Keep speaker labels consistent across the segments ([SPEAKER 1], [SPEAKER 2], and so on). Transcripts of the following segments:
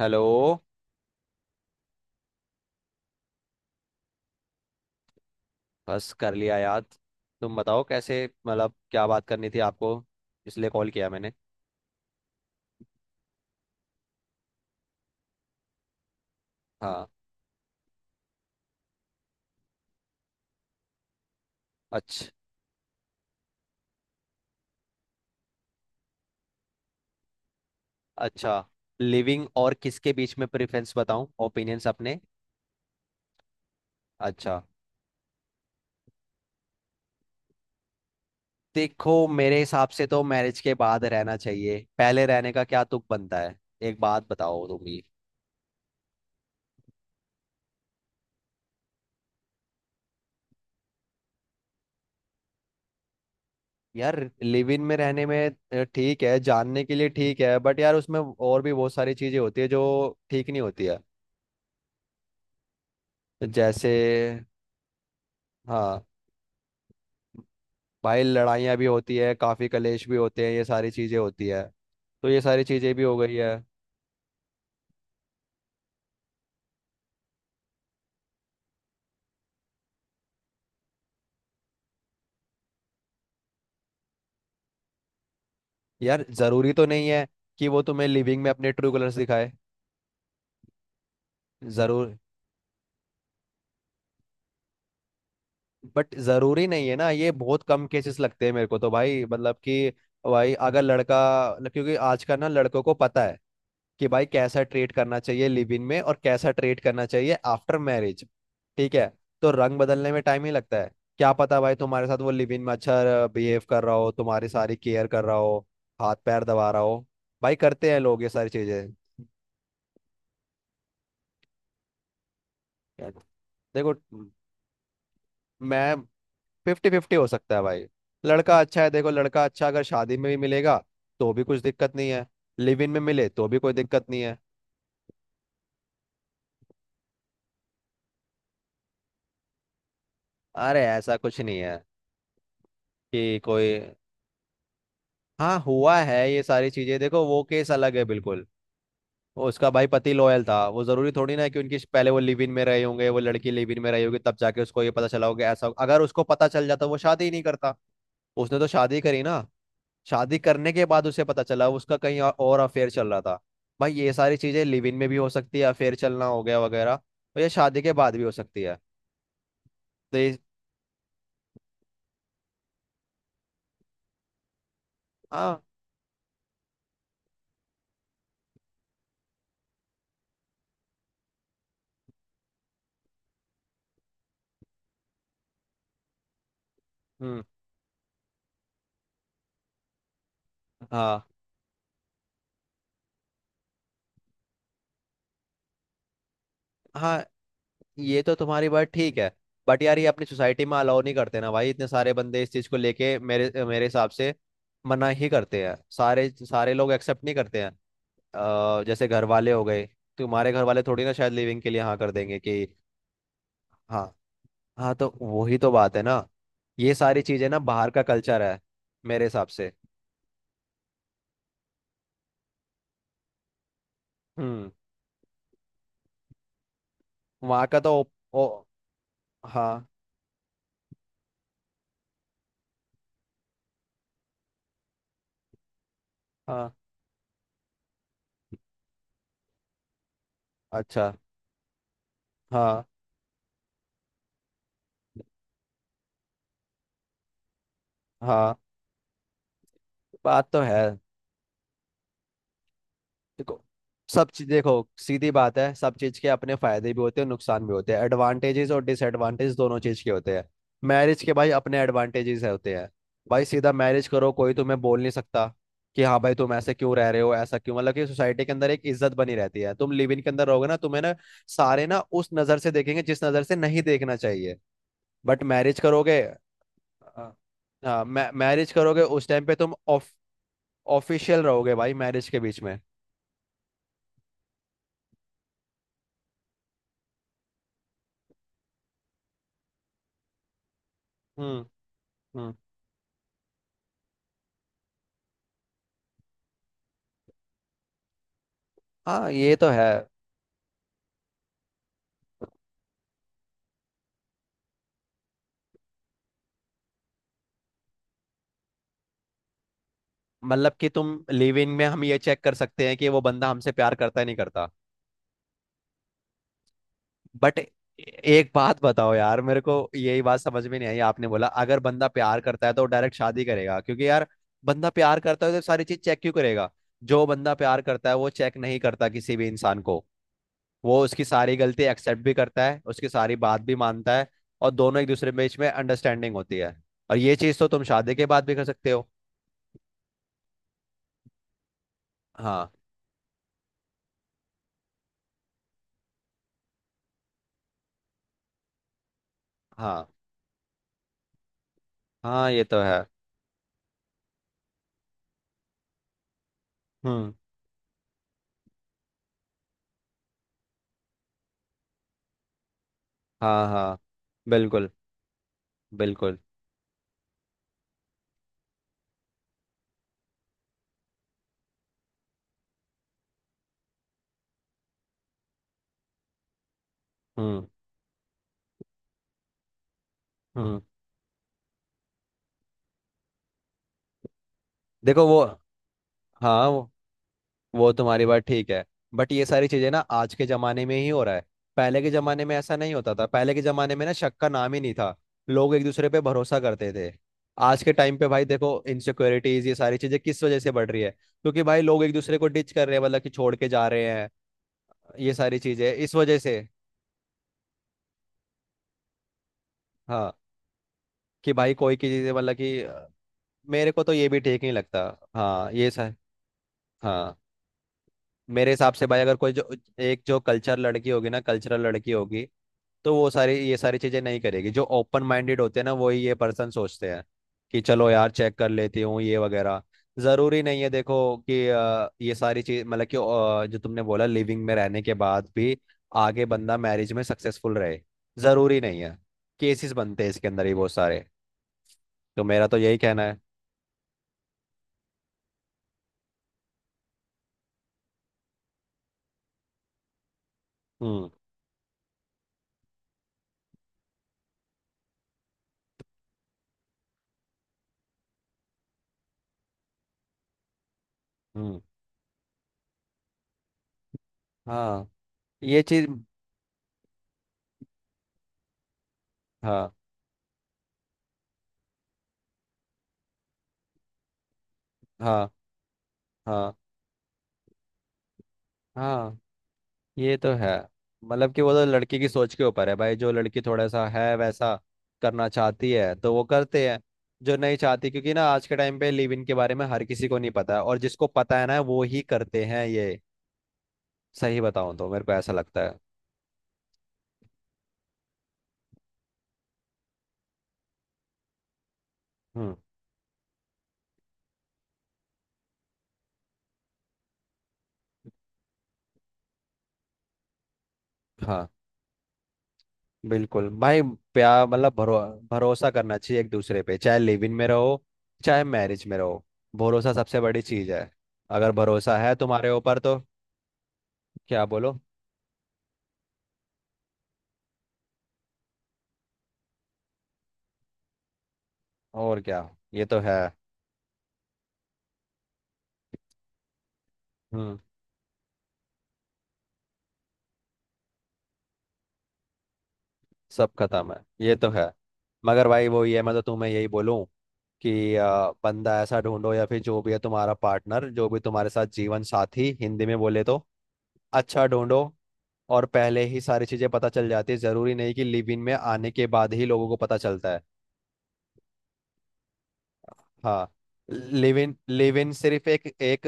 [SPEAKER 1] Hello. बस कर लिया याद। तुम बताओ कैसे, मतलब क्या बात करनी थी आपको, इसलिए कॉल किया मैंने। हाँ। अच्छा। अच्छा, लिविंग और किसके बीच में प्रेफरेंस बताऊं, ओपिनियंस अपने? अच्छा। देखो मेरे हिसाब से तो मैरिज के बाद रहना चाहिए, पहले रहने का क्या तुक बनता है। एक बात बताओ तुम ही। यार, लिव इन में रहने में ठीक है जानने के लिए, ठीक है, बट यार उसमें और भी बहुत सारी चीजें होती है जो ठीक नहीं होती है। जैसे, हाँ भाई, लड़ाइयाँ भी होती है, काफी कलेश भी होते हैं, ये सारी चीजें होती है, तो ये सारी चीजें भी हो गई है। यार जरूरी तो नहीं है कि वो तुम्हें लिविंग में अपने ट्रू कलर्स दिखाए। जरूर, बट जरूरी नहीं है ना। ये बहुत कम केसेस लगते हैं मेरे को तो भाई, मतलब कि भाई अगर लड़का, क्योंकि आज का ना लड़कों को पता है कि भाई कैसा ट्रीट करना चाहिए लिव इन में और कैसा ट्रीट करना चाहिए आफ्टर मैरिज। ठीक है, तो रंग बदलने में टाइम ही लगता है। क्या पता भाई, तुम्हारे साथ वो लिव इन में अच्छा बिहेव कर रहा हो, तुम्हारी सारी केयर कर रहा हो, हाथ पैर दबा रहा हो। भाई करते हैं लोग ये सारी चीजें। देखो, मैं, फिफ्टी फिफ्टी हो सकता है भाई। लड़का अच्छा है, देखो लड़का अच्छा अगर शादी में भी मिलेगा तो भी कुछ दिक्कत नहीं है, लिव इन में मिले तो भी कोई दिक्कत नहीं है। अरे ऐसा कुछ नहीं है कि कोई। हाँ हुआ है ये सारी चीजें, देखो वो केस अलग है बिल्कुल। वो उसका भाई पति लॉयल था, वो जरूरी थोड़ी ना है कि उनकी पहले वो लिव इन में रहे होंगे, वो लड़की लिव इन में रही होगी तब जाके उसको ये पता चला होगा। ऐसा अगर उसको पता चल जाता वो शादी ही नहीं करता, उसने तो शादी करी ना। शादी करने के बाद उसे पता चला उसका कहीं और अफेयर चल रहा था। भाई ये सारी चीजें लिव इन में भी हो सकती है, अफेयर चलना हो गया वगैरह, और ये शादी के बाद भी हो सकती है। तो ये, हाँ। हम्म। हाँ। हाँ ये तो तुम्हारी बात ठीक है, बट यार ये अपनी सोसाइटी में अलाउ नहीं करते ना भाई, इतने सारे बंदे इस चीज को लेके, मेरे मेरे हिसाब से मना ही करते हैं। सारे सारे लोग एक्सेप्ट नहीं करते हैं। जैसे घर वाले हो गए, तुम्हारे घर वाले थोड़ी ना शायद लिविंग के लिए हाँ कर देंगे कि। हाँ। हाँ, तो वही तो बात है ना। ये सारी चीजें ना बाहर का कल्चर है मेरे हिसाब से। हम्म। वहाँ का तो। ओ, हाँ। हाँ। अच्छा, हाँ। हाँ बात तो है। देखो, सब चीज देखो, सीधी बात है, सब चीज के अपने फायदे भी होते हैं नुकसान भी होते हैं, एडवांटेजेस और डिसएडवांटेज दोनों चीज के होते हैं। मैरिज के भाई अपने एडवांटेजेस होते हैं। भाई सीधा मैरिज करो, कोई तुम्हें बोल नहीं सकता कि हाँ भाई तुम ऐसे क्यों रह रहे हो, ऐसा क्यों, मतलब कि सोसाइटी के अंदर एक इज्जत बनी रहती है। तुम लिव इन के अंदर रहोगे ना, तुम्हें ना सारे ना उस नजर से देखेंगे जिस नजर से नहीं देखना चाहिए। बट मैरिज करोगे। हाँ। हाँ, मै मैरिज करोगे उस टाइम पे तुम ऑफ, ऑफिशियल रहोगे भाई मैरिज के बीच में। हम्म। हम्म। हाँ ये तो है। मतलब कि तुम लिव इन में हम ये चेक कर सकते हैं कि वो बंदा हमसे प्यार करता है नहीं करता। बट एक बात बताओ यार, मेरे को यही बात समझ में नहीं आई, आपने बोला अगर बंदा प्यार करता है तो डायरेक्ट शादी करेगा, क्योंकि यार बंदा प्यार करता है तो सारी चीज चेक क्यों करेगा। जो बंदा प्यार करता है वो चेक नहीं करता किसी भी इंसान को, वो उसकी सारी गलती एक्सेप्ट भी करता है, उसकी सारी बात भी मानता है, और दोनों एक दूसरे के बीच में अंडरस्टैंडिंग होती है। और ये चीज तो तुम शादी के बाद भी कर सकते हो। हाँ। हाँ। हाँ ये तो है। हम्म। हाँ। हाँ बिल्कुल। बिल्कुल। हम्म। हम्म। देखो वो, हाँ वो तुम्हारी बात ठीक है, बट ये सारी चीजें ना आज के जमाने में ही हो रहा है। पहले के जमाने में ऐसा नहीं होता था, पहले के जमाने में ना शक का नाम ही नहीं था, लोग एक दूसरे पे भरोसा करते थे। आज के टाइम पे भाई देखो, इनसिक्योरिटीज ये सारी चीजें किस वजह से बढ़ रही है, क्योंकि भाई लोग एक दूसरे को डिच कर रहे हैं, मतलब कि छोड़ के जा रहे हैं। ये सारी चीजें इस वजह से। हाँ कि भाई कोई की चीजें, मतलब कि मेरे को तो ये भी ठीक नहीं लगता। हाँ ये सर। हाँ। मेरे हिसाब से भाई अगर कोई जो एक जो कल्चर लड़की होगी ना, कल्चरल लड़की होगी तो वो सारी ये सारी चीजें नहीं करेगी। जो ओपन माइंडेड होते हैं ना वही ये पर्सन सोचते हैं कि चलो यार चेक कर लेती हूँ ये वगैरह। जरूरी नहीं है, देखो कि ये सारी चीज, मतलब कि जो तुमने बोला लिविंग में रहने के बाद भी आगे बंदा मैरिज में सक्सेसफुल रहे, जरूरी नहीं है। केसेस बनते हैं इसके अंदर ही बहुत सारे। तो मेरा तो यही कहना है। हम्म। हम्म। हाँ ये चीज। हाँ। हाँ। हाँ। हाँ ये तो है, मतलब कि वो तो लड़की की सोच के ऊपर है भाई। जो लड़की थोड़ा सा है वैसा करना चाहती है तो वो करते हैं, जो नहीं चाहती, क्योंकि ना आज के टाइम पे लिव इन के बारे में हर किसी को नहीं पता है, और जिसको पता है ना वो ही करते हैं ये। सही बताऊं तो मेरे को ऐसा लगता है। हम्म। हाँ बिल्कुल भाई। प्यार मतलब भरोसा करना चाहिए एक दूसरे पे, चाहे लिव इन में रहो चाहे मैरिज में रहो। भरोसा सबसे बड़ी चीज है, अगर भरोसा है तुम्हारे ऊपर तो। क्या बोलो। और क्या, ये तो है। हम्म। सब खत्म है, ये तो है। मगर भाई वही है, मैं तो तुम्हें यही बोलूं कि बंदा ऐसा ढूंढो, या फिर जो भी है तुम्हारा पार्टनर, जो भी तुम्हारे साथ, जीवन साथी हिंदी में बोले तो, अच्छा ढूंढो। और पहले ही सारी चीजें पता चल जाती है, जरूरी नहीं कि लिव इन में आने के बाद ही लोगों को पता चलता है। हाँ। लिविन लिविन सिर्फ एक एक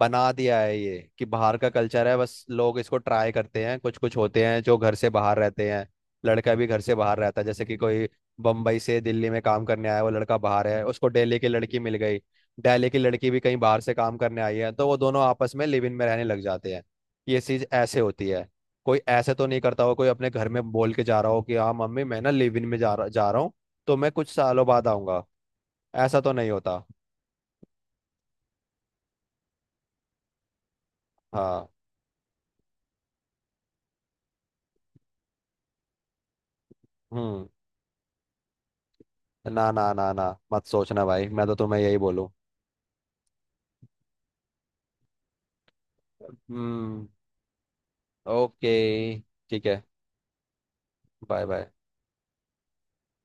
[SPEAKER 1] बना दिया है ये कि बाहर का कल्चर है, बस लोग इसको ट्राई करते हैं। कुछ कुछ होते हैं जो घर से बाहर रहते हैं, लड़का भी घर से बाहर रहता है, जैसे कि कोई बम्बई से दिल्ली में काम करने आया, वो लड़का बाहर है, उसको दिल्ली की लड़की मिल गई। दिल्ली की लड़की भी कहीं बाहर से काम करने आई है, तो वो दोनों आपस में लिव इन में रहने लग जाते हैं। ये चीज ऐसे होती है। कोई ऐसे तो नहीं करता हो, कोई अपने घर में बोल के जा रहा हो कि हाँ मम्मी, मैं ना लिव इन में जा रहा हूँ तो मैं कुछ सालों बाद आऊंगा। ऐसा तो नहीं होता। हाँ। हम्म। ना ना ना ना मत सोचना भाई, मैं तो तुम्हें यही बोलूँ। हम्म। ओके, ठीक है। Bye bye.